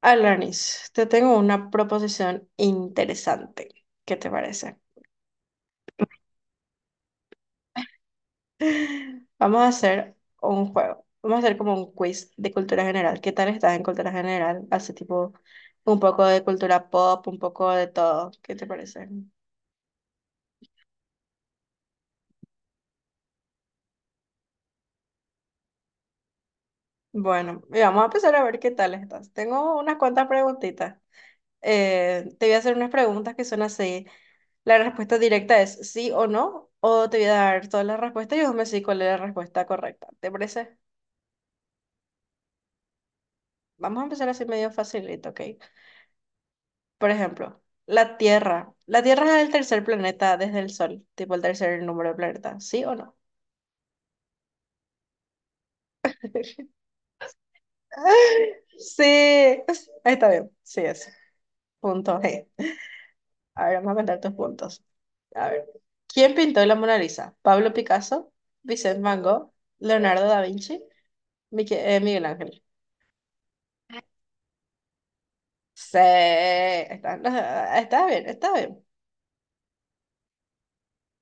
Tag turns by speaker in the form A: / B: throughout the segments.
A: Alanis, te tengo una proposición interesante. ¿Qué te parece? Vamos a hacer un juego. Vamos a hacer como un quiz de cultura general. ¿Qué tal estás en cultura general? Hace tipo un poco de cultura pop, un poco de todo. ¿Qué te parece? Bueno, y vamos a empezar a ver qué tal estás. Tengo unas cuantas preguntitas. Te voy a hacer unas preguntas que son así. La respuesta directa es sí o no, o te voy a dar todas las respuestas y vos me decís cuál es la respuesta correcta. ¿Te parece? Vamos a empezar así medio facilito, ¿ok? Por ejemplo, la Tierra. La Tierra es el tercer planeta desde el Sol, tipo el tercer número de planeta. ¿Sí o no? Sí, ahí está bien. Sí, es. Punto G. A ver, vamos a contar tus puntos. A ver. ¿Quién pintó la Mona Lisa? ¿Pablo Picasso? ¿Vicente Van Gogh? ¿Leonardo da Vinci? Miguel Ángel. Sí, está bien, está bien.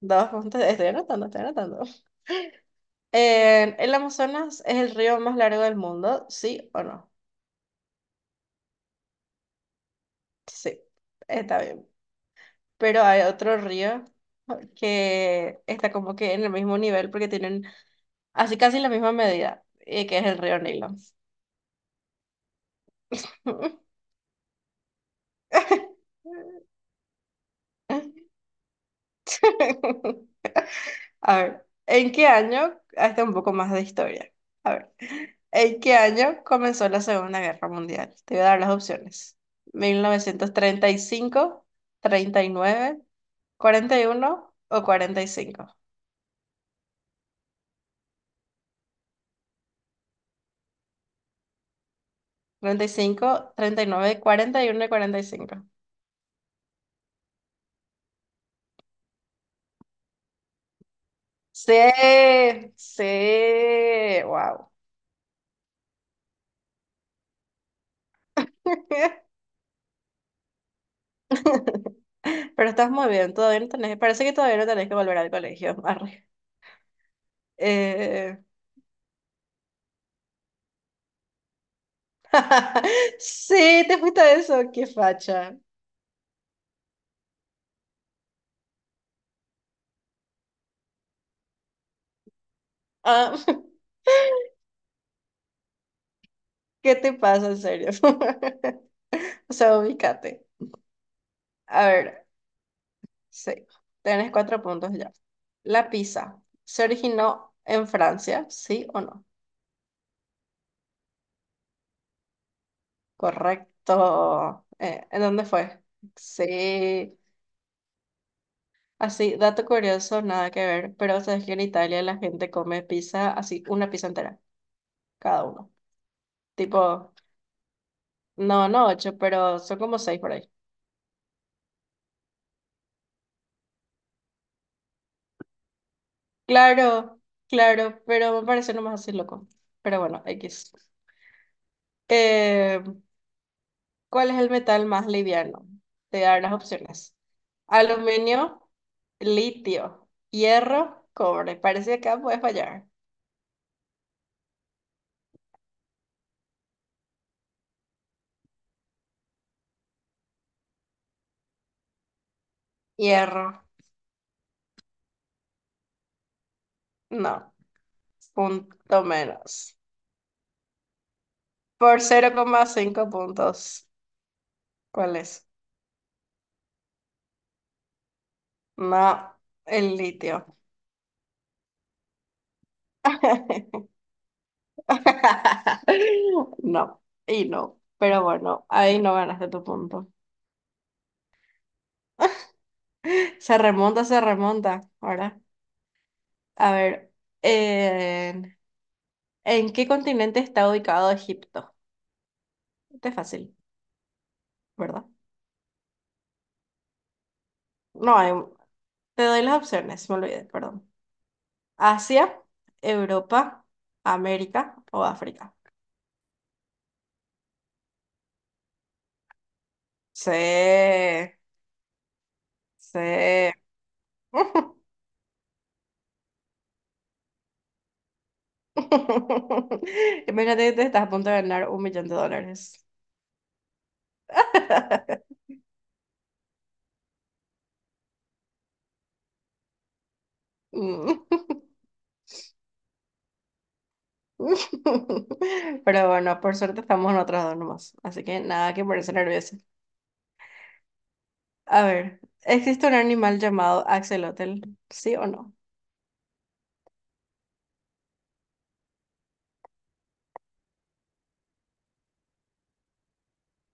A: Dos puntos, estoy anotando, estoy anotando. ¿El Amazonas es el río más largo del mundo? ¿Sí o no? Sí, está bien. Pero hay otro río que está como que en el mismo nivel porque tienen así casi la misma medida, que es el río Nilo. A ver, ¿en qué año? Ah, está un poco más de historia. A ver. ¿En qué año comenzó la Segunda Guerra Mundial? Te voy a dar las opciones. Mil novecientos treinta y cinco, treinta y nueve, cuarenta y uno o cuarenta y cinco. Treinta y cinco, treinta y uno y nueve, cuarenta uno cinco. Sí, sí, wow. Pero estás muy bien, todavía no tenés, parece que todavía no tenés que volver al colegio. Arre. Eh, Sí, te fuiste a eso, qué facha. Ah, ¿qué te pasa, en serio? O sea, ubícate. A ver, sí, tenés 4 puntos ya. La pizza, ¿se originó en Francia? ¿Sí o no? Correcto. ¿En dónde fue? Sí. Así, dato curioso, nada que ver, pero sabes que en Italia la gente come pizza así, una pizza entera, cada uno. Tipo, no, no ocho, pero son como seis por ahí. Claro, claro, pero me parece nomás así loco. Pero bueno, X. Eh, ¿Cuál es el metal más liviano? Te voy a dar las opciones. Aluminio, litio, hierro, cobre. Parece que acá puedes fallar. Hierro, no. Punto menos. Por 0,5 puntos. ¿Cuál es? No, el litio. No, y no. Pero bueno, ahí no ganaste tu punto. Se remonta, se remonta. Ahora, a ver. eh, ¿En qué continente está ubicado Egipto? Este es fácil, ¿verdad? No, te doy las opciones, me olvidé, perdón. Asia, Europa, América o África. Sí, sí. Imagínate que te estás a punto de ganar un millón de dólares. Mm. Pero bueno, por suerte estamos nosotros dos nomás, así que nada que ponerse nervioso. A ver, ¿existe un animal llamado axolotl? ¿Sí o no?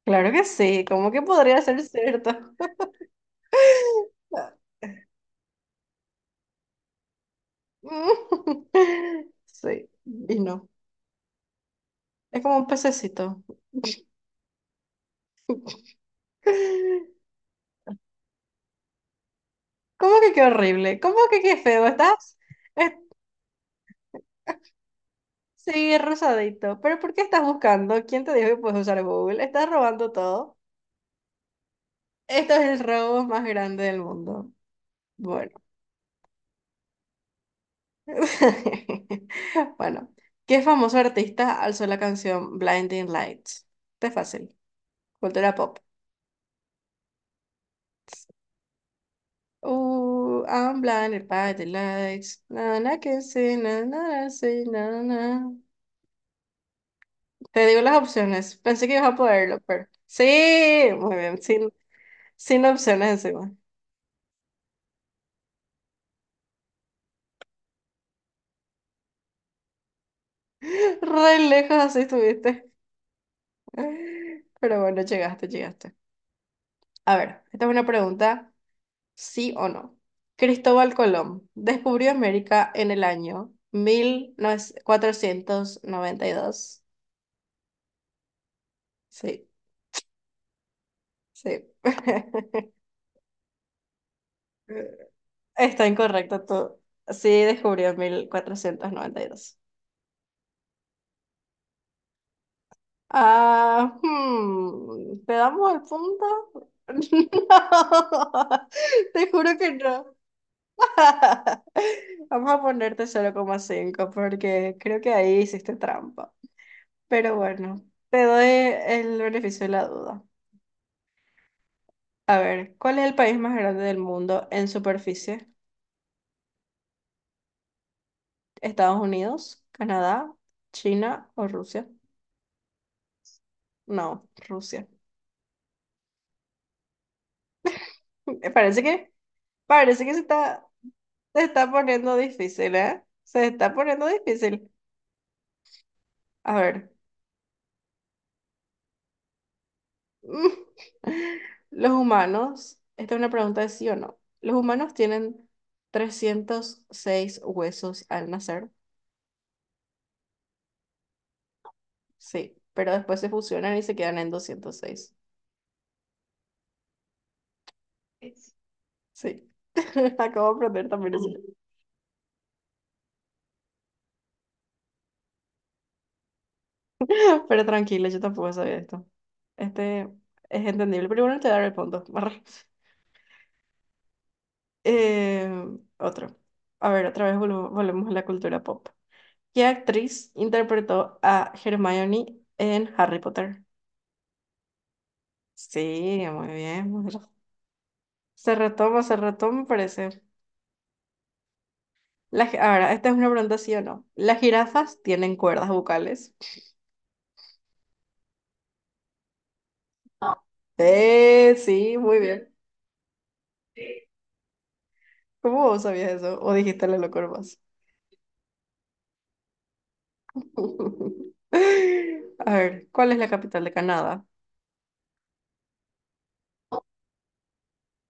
A: Claro que sí, ¿cómo que podría ser cierto? Sí, y no. Es como un pececito. ¿Cómo que qué horrible? ¿Cómo que qué feo? ¿Estás? es- sí, es rosadito. ¿Pero por qué estás buscando? ¿Quién te dijo que puedes usar Google? Estás robando todo. Esto es el robo más grande del mundo. Bueno. Bueno. ¿Qué famoso artista alzó la canción Blinding Lights? Está fácil. Cultura pop. Oh, I'm blind, by the lights. Na, na, que sí, na, na, na, sí, na, na. Te digo las opciones. Pensé que ibas a poderlo, pero. Sí, muy bien, sin opciones encima. Re lejos así estuviste. Pero bueno, llegaste, llegaste. A ver, esta es una pregunta, sí o no. Cristóbal Colón descubrió América en el año 1492. Sí, sí. Está incorrecto todo. Sí, descubrió en 1492. Ah, ¿te damos el punto? No, te juro que no. Vamos a ponerte 0,5 porque creo que ahí hiciste trampa. Pero bueno, te doy el beneficio de la duda. A ver, ¿cuál es el país más grande del mundo en superficie? ¿Estados Unidos, Canadá, China o Rusia? No, Rusia. Parece que Parece que se está poniendo difícil, ¿eh? Se está poniendo difícil. A ver, esta es una pregunta de sí o no. ¿Los humanos tienen 306 huesos al nacer? Sí, pero después se fusionan y se quedan en 206. Sí, acabo de aprender también eso. Pero tranquila, yo tampoco sabía esto. Este es entendible, pero bueno, te daré el punto. Eh, otro. A ver, otra vez volvemos a la cultura pop. ¿Qué actriz interpretó a Hermione en Harry Potter? Sí, muy bien, muy bien. Se retoma, me parece. Ahora, esta es una pregunta sí o no. ¿Las jirafas tienen cuerdas vocales? No. Sí, muy bien. ¿Cómo vos sabías eso? ¿O dijiste la locura más? A ver, ¿cuál es la capital de Canadá?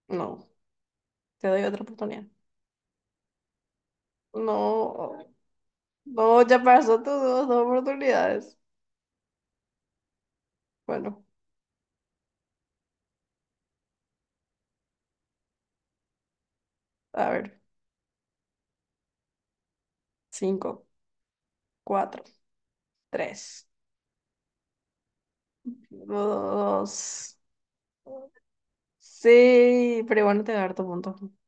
A: No, te doy otra oportunidad. No. No, ya pasó tus dos oportunidades. Bueno, a ver. Cinco, cuatro, tres, dos. Sí, pero igual no te voy a dar tu punto.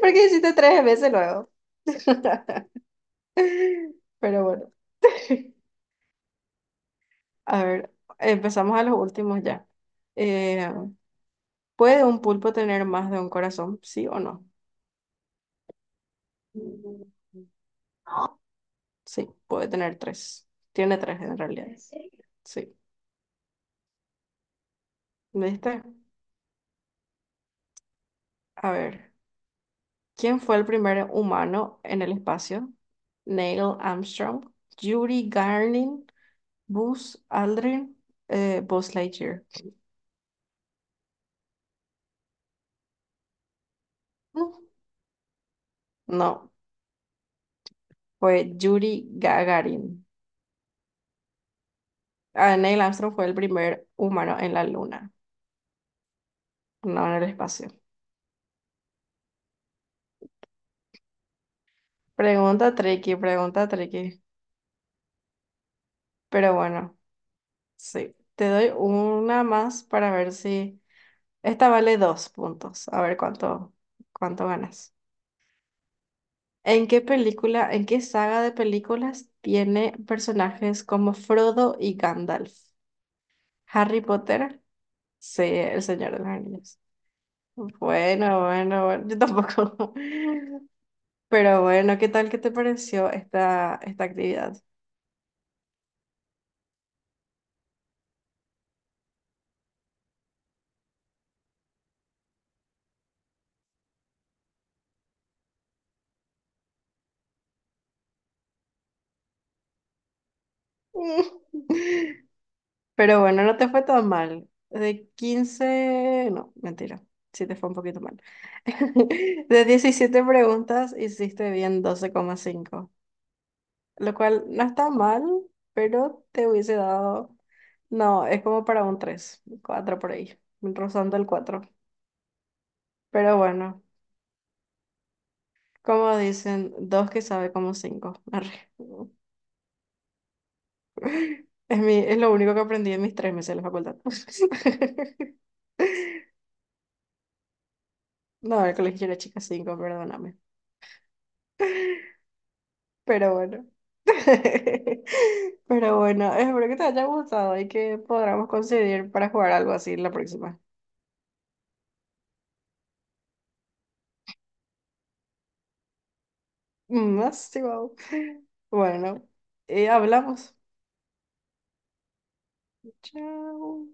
A: Porque hiciste tres veces luego. Pero bueno. A ver, empezamos a los últimos ya. Eh, ¿Puede un pulpo tener más de un corazón? ¿Sí o no? Mm. Sí, puede tener tres. Tiene tres en realidad. Sí. ¿Viste? A ver, ¿quién fue el primer humano en el espacio? Neil Armstrong, Yuri Gagarin, Buzz Aldrin, Buzz Lightyear. Mm, No, fue Yuri Gagarin. Ah, Neil Armstrong fue el primer humano en la luna, no en el espacio. Pregunta tricky, pregunta tricky. Pero bueno, sí. Te doy una más para ver si... Esta vale 2 puntos. A ver cuánto ganas. ¿En qué película, en qué saga de películas tiene personajes como Frodo y Gandalf? ¿Harry Potter? Sí, El Señor de los Anillos. Bueno, bueno, bueno, yo tampoco. Pero bueno, ¿qué tal que te pareció esta, esta actividad? Pero bueno, no te fue tan mal. De 15, no, mentira, sí te fue un poquito mal. De 17 preguntas, hiciste bien 12,5. Lo cual no está mal, pero te hubiese dado, no, es como para un 3 4 por ahí, rozando el cuatro. Pero bueno, como dicen, dos que sabe como cinco. Arre. Es lo único que aprendí en mis 3 meses de la facultad. No, el colegio era chica cinco, perdóname. Pero bueno. Pero bueno, espero que te haya gustado y que podamos conseguir para jugar algo así la próxima. Más, Bueno, hablamos. Chao.